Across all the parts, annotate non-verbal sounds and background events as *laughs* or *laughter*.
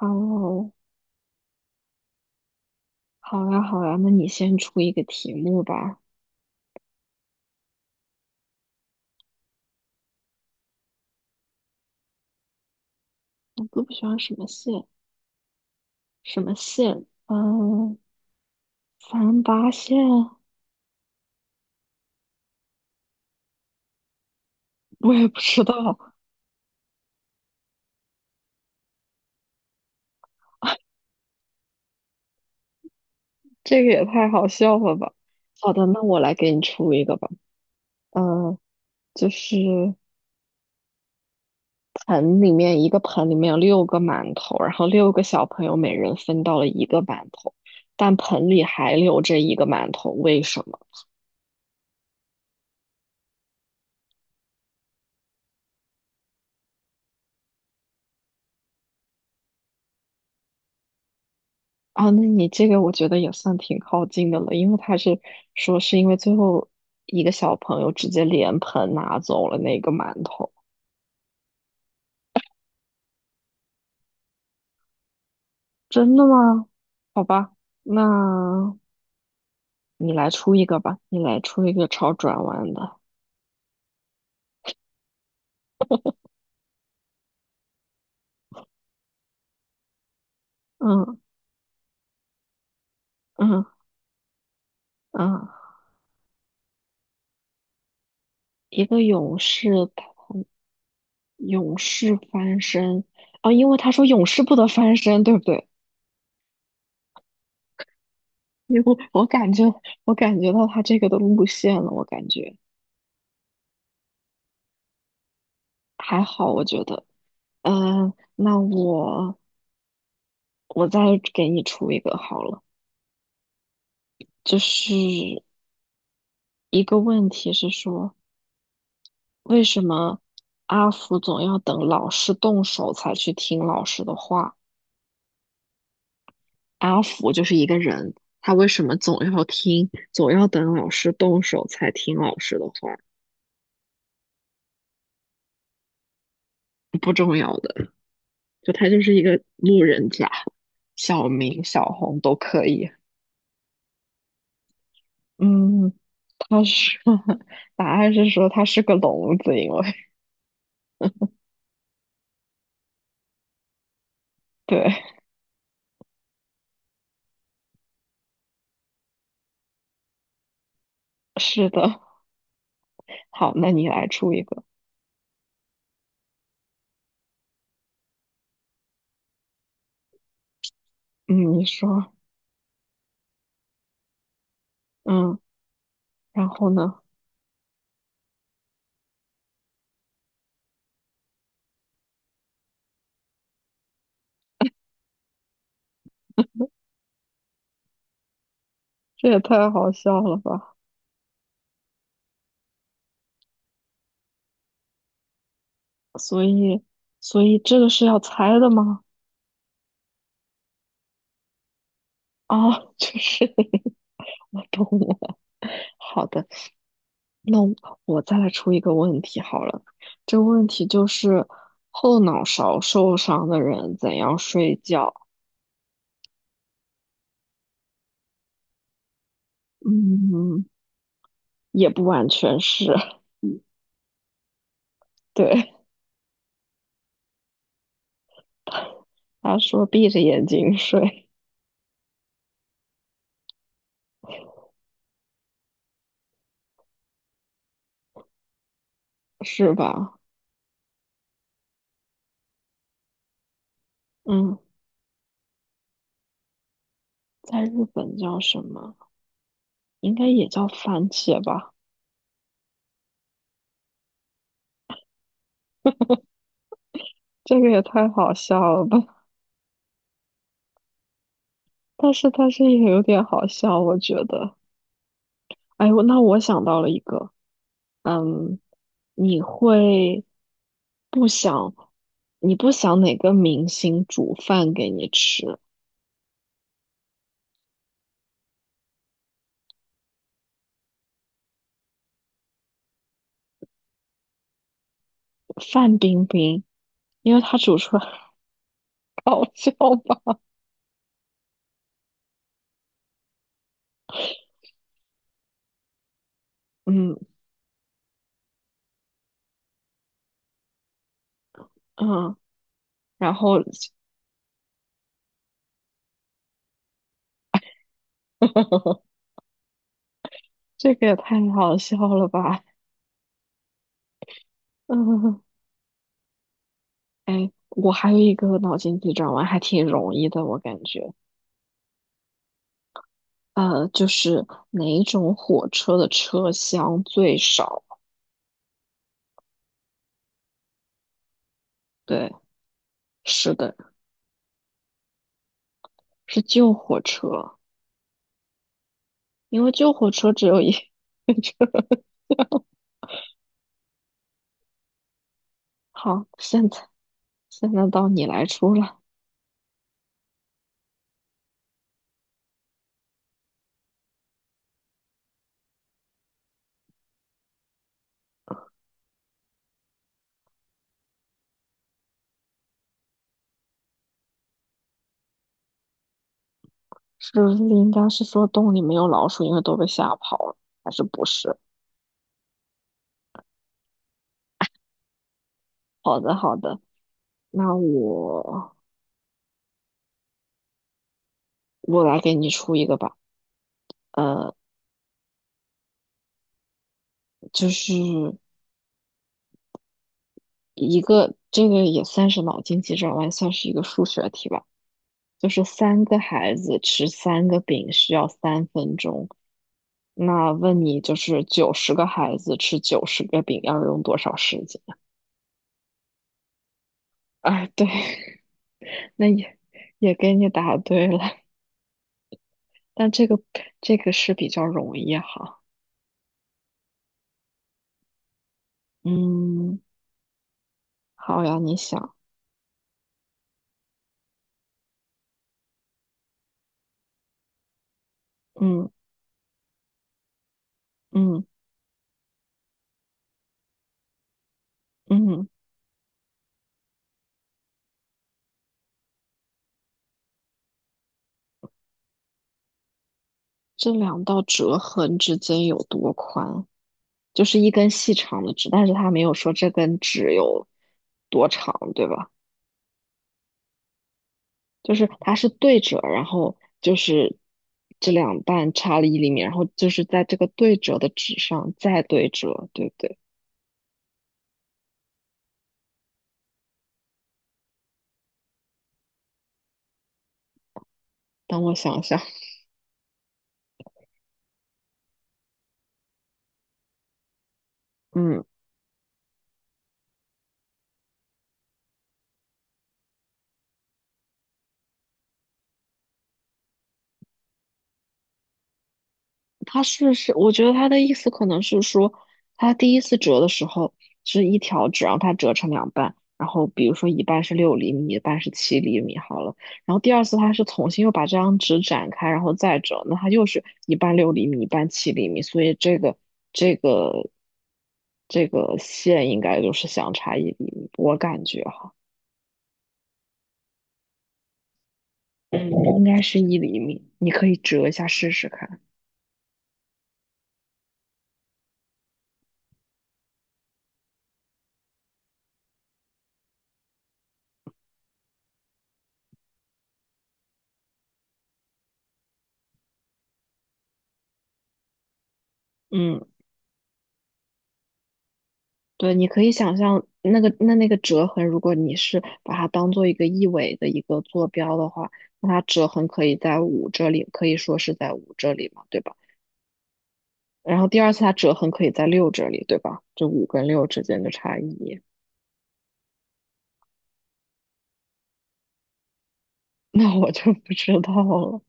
哦，好呀，好呀，那你先出一个题目吧。我都不喜欢什么线？什么线？嗯，三八线？我也不知道，这个也太好笑了吧。好的，那我来给你出一个吧。嗯，就是盆里面一个盆里面有六个馒头，然后六个小朋友每人分到了一个馒头，但盆里还留着一个馒头，为什么？啊，那你这个我觉得也算挺靠近的了，因为他是说是因为最后一个小朋友直接连盆拿走了那个馒头，真的吗？好吧，那你来出一个吧，你来出一个超转弯的，嗯嗯嗯，一个勇士他勇士翻身，啊，因为他说勇士不得翻身，对不对？因为我感觉到他这个的路线了，我感觉还好，我觉得。嗯，那我再给你出一个好了，就是一个问题是说，为什么阿福总要等老师动手才去听老师的话？阿福就是一个人，他为什么总要等老师动手才听老师的话？就他就是一个路人甲，小明、小红都可以。嗯，他是 *laughs*，答案是说他是个聋子，因为对，是的。好，那你来出一个。嗯，你说，嗯，然后呢？这也太好笑了吧！所以，所以这个是要猜的吗？啊，就是 *laughs* 我懂了。好的，那我再来出一个问题好了。这个问题就是后脑勺受伤的人怎样睡觉？嗯，也不完全是，*laughs* 对，他说闭着眼睛睡，是吧？嗯，在日本叫什么？应该也叫番茄吧？这个也太好笑了吧！*laughs* 但是也有点好笑，我觉得。哎，那我想到了一个，嗯，你会不想，你不想哪个明星煮饭给你吃？范冰冰，因为她煮出来好笑吧？*laughs* 嗯嗯，然后 *laughs* 这个也太好笑了吧？*laughs* 嗯，哎，我还有一个脑筋急转弯，还挺容易的，我感觉。就是哪一种火车的车厢最少？对，是的，是旧火车，因为旧火车只有一。*laughs* 好，现在到你来出了，是不是应该是说洞里没有老鼠，因为都被吓跑了，还是不是？好的，好的，那我来给你出一个吧。呃，就是一个这个也算是脑筋急转弯，算是一个数学题吧。就是三个孩子吃三个饼需要3分钟，那问你就是90个孩子吃90个饼要用多少时间？*laughs* 啊，对，*laughs* 那也给你答对了，但这个这个是比较容易哈。嗯，好呀，你想，嗯嗯嗯，这两道折痕之间有多宽？就是一根细长的纸，但是他没有说这根纸有多长，对吧？就是它是对折，然后就是这两半差了一厘米，然后就是在这个对折的纸上再对折，对不对？等我想想，嗯。他是，我觉得他的意思可能是说，他第一次折的时候是一条纸，让它折成两半，然后比如说一半是六厘米，一半是七厘米，好了。然后第二次他是重新又把这张纸展开，然后再折，那它又是一半六厘米，一半七厘米，所以这个这个线应该就是相差一厘米，我感觉哈，嗯，应该是一厘米，你可以折一下试试看。嗯。对，你可以想象那个折痕，如果你是把它当做一个一维的一个坐标的话，那它折痕可以在五这里，可以说是在五这里嘛，对吧？然后第二次它折痕可以在六这里，对吧？就五跟六之间的差异，*laughs* 那我就不知道了。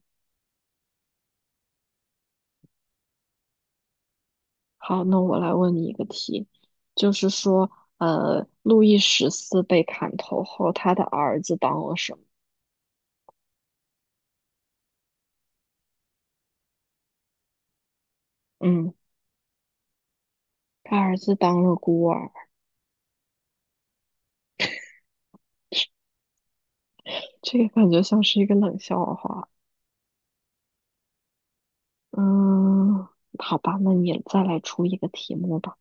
好，那我来问你一个题，就是说，路易十四被砍头后，他的儿子当了什么？嗯，他儿子当了孤儿，这个感觉像是一个冷笑话。嗯，好吧，那你再来出一个题目吧。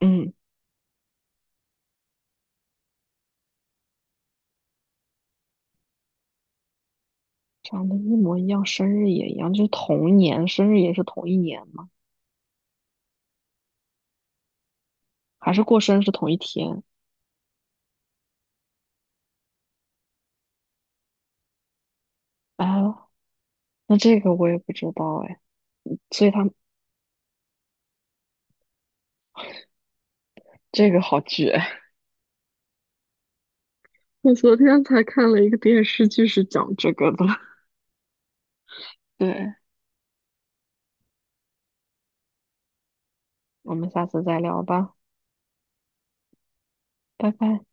嗯，长得一模一样，生日也一样，就是同年，生日也是同一年吗？还是过生日是同一天？啊？那这个我也不知道哎，所以他这个好绝。*laughs* 我昨天才看了一个电视剧，是讲这个的。*laughs* 对，我们下次再聊吧，拜拜。